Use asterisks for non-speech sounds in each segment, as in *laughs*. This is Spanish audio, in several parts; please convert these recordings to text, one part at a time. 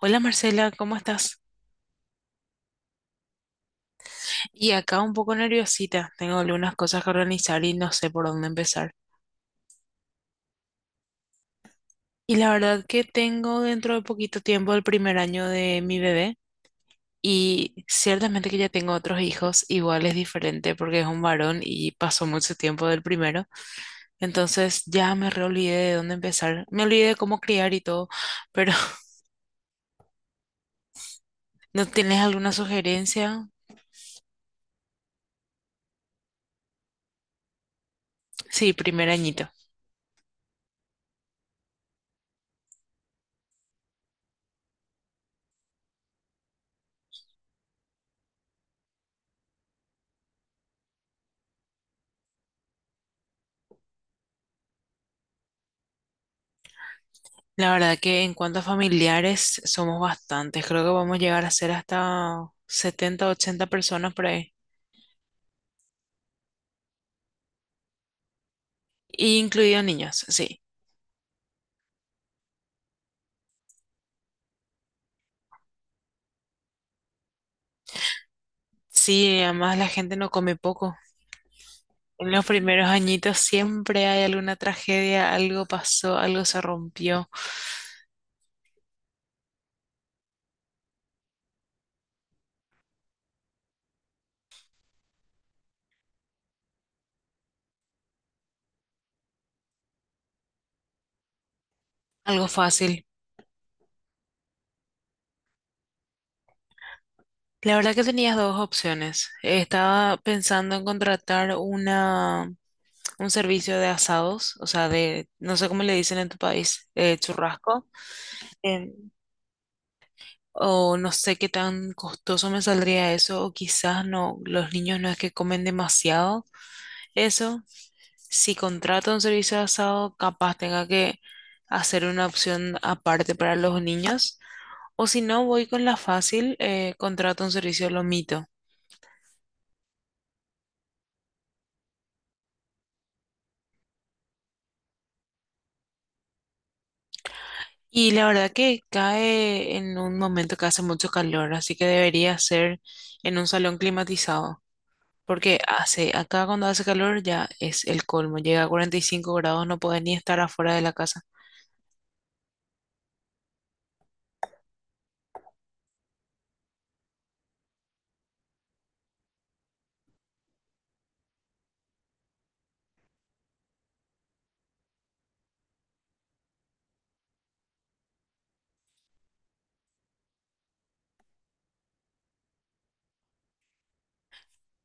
Hola Marcela, ¿cómo estás? Y acá un poco nerviosita, tengo algunas cosas que organizar y no sé por dónde empezar. Y la verdad que tengo dentro de poquito tiempo el primer año de mi bebé y ciertamente que ya tengo otros hijos, igual es diferente porque es un varón y pasó mucho tiempo del primero, entonces ya me reolvidé de dónde empezar, me olvidé de cómo criar y todo, pero *laughs* ¿no tienes alguna sugerencia? Sí, primer añito. La verdad que en cuanto a familiares somos bastantes, creo que vamos a llegar a ser hasta 70 80 personas por ahí, y incluidos niños, sí. Sí, además la gente no come poco. En los primeros añitos siempre hay alguna tragedia, algo pasó, algo se rompió, algo fácil. La verdad que tenías dos opciones. Estaba pensando en contratar una, un servicio de asados, o sea, de, no sé cómo le dicen en tu país, churrasco. Em, o no sé qué tan costoso me saldría eso, o quizás no, los niños no es que comen demasiado eso. Si contrato un servicio de asado, capaz tenga que hacer una opción aparte para los niños, o si no, voy con la fácil, contrato un servicio de lomito. Y la verdad que cae en un momento que hace mucho calor, así que debería ser en un salón climatizado. Porque hace, acá cuando hace calor ya es el colmo. Llega a 45 grados, no puede ni estar afuera de la casa.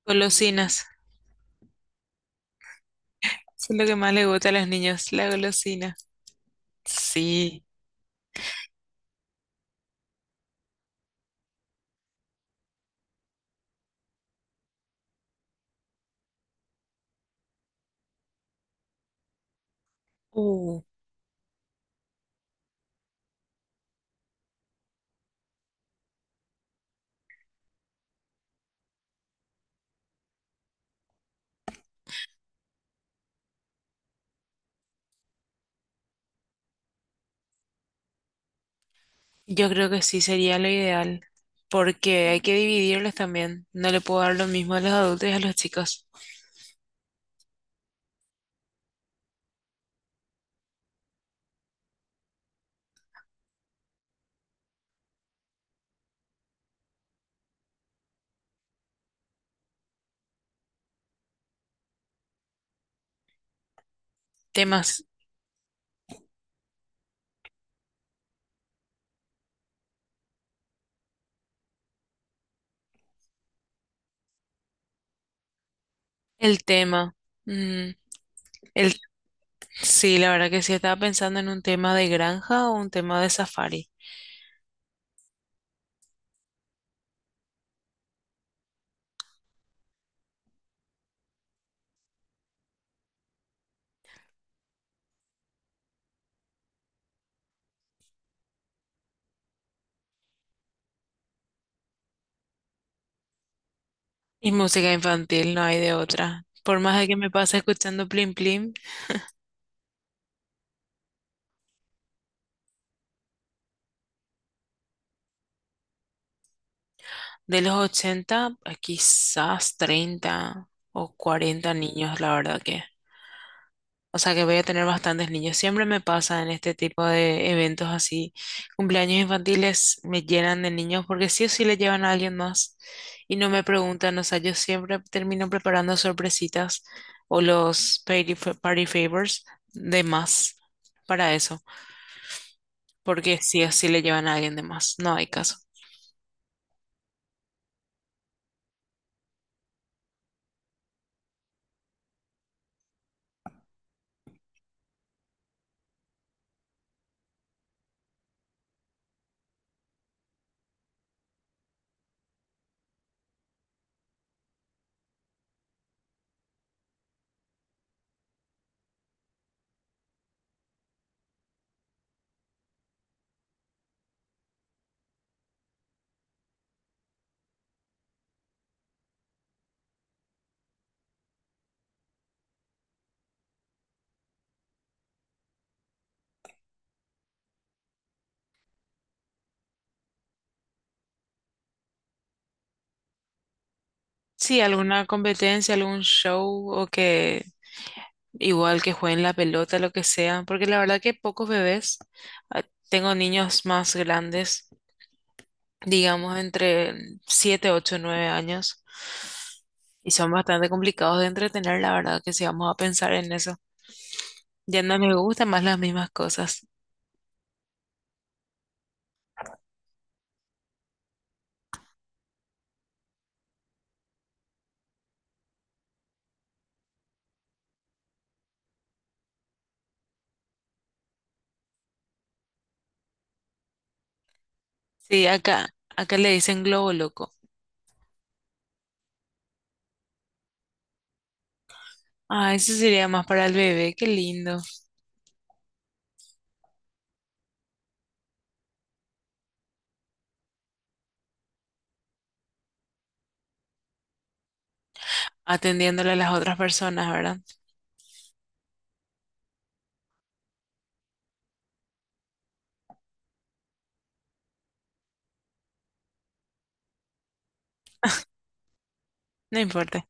Golosinas. Eso es lo que más le gusta a los niños, la golosina. Sí. Uh, yo creo que sí sería lo ideal. Porque hay que dividirles también. No le puedo dar lo mismo a los adultos y a los chicos. Temas. El tema. mm, el, sí, la verdad que sí estaba pensando en un tema de granja o un tema de safari. Y música infantil, no hay de otra. Por más de que me pase escuchando Plim Plim, de los 80 a quizás 30 o 40 niños, la verdad que. O sea que voy a tener bastantes niños. Siempre me pasa en este tipo de eventos así. Cumpleaños infantiles me llenan de niños porque sí o sí le llevan a alguien más y no me preguntan. O sea, yo siempre termino preparando sorpresitas o los party favors de más para eso, porque sí o sí le llevan a alguien de más, no hay caso. Sí, alguna competencia, algún show o que igual que jueguen la pelota, lo que sea, porque la verdad que pocos bebés, ah, tengo niños más grandes, digamos entre 7 8 9 años, y son bastante complicados de entretener, la verdad que si vamos a pensar en eso, ya no les gustan más las mismas cosas. Sí, acá le dicen globo loco. Ah, eso sería más para el bebé, qué lindo. Atendiéndole a las otras personas, ¿verdad? No importa.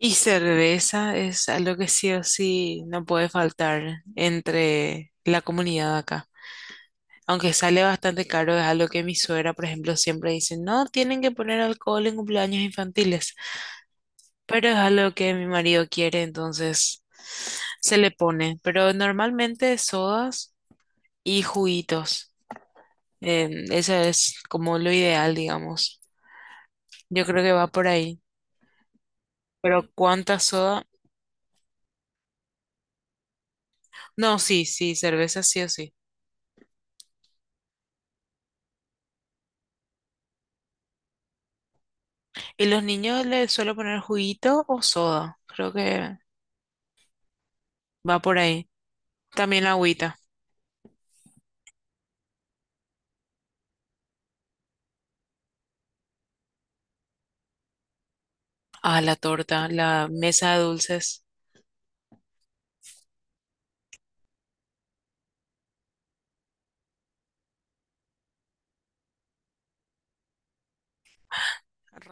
Y cerveza es algo que sí o sí no puede faltar entre la comunidad acá. Aunque sale bastante caro, es algo que mi suegra, por ejemplo, siempre dice, no tienen que poner alcohol en cumpleaños infantiles, pero es algo que mi marido quiere, entonces se le pone. Pero normalmente sodas y juguitos. Eso es como lo ideal, digamos. Yo creo que va por ahí. Pero ¿cuántas sodas? No, sí, sí, cerveza sí o sí. ¿Y los niños les suelo poner juguito o soda? Creo que va por ahí. También la agüita. Ah, la torta, la mesa de dulces.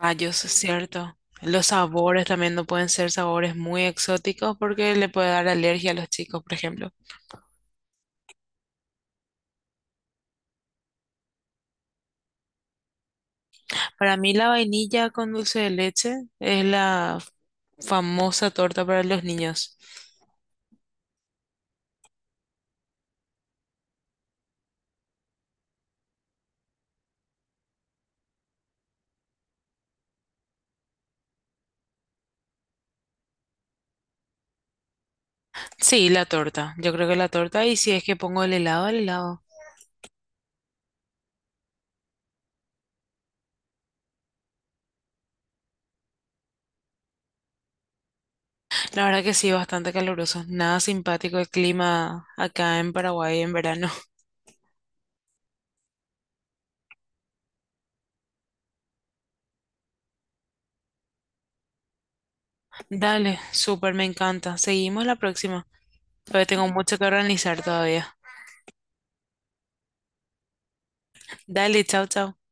Rayos, es cierto. Los sabores también no pueden ser sabores muy exóticos porque le puede dar alergia a los chicos, por ejemplo. Para mí la vainilla con dulce de leche es la famosa torta para los niños. Sí, la torta. Yo creo que la torta. Y si es que pongo el helado, el helado. La verdad que sí, bastante caluroso. Nada simpático el clima acá en Paraguay en verano. *laughs* Dale, súper, me encanta. Seguimos la próxima. Todavía tengo mucho que organizar todavía. Dale, chao, chao.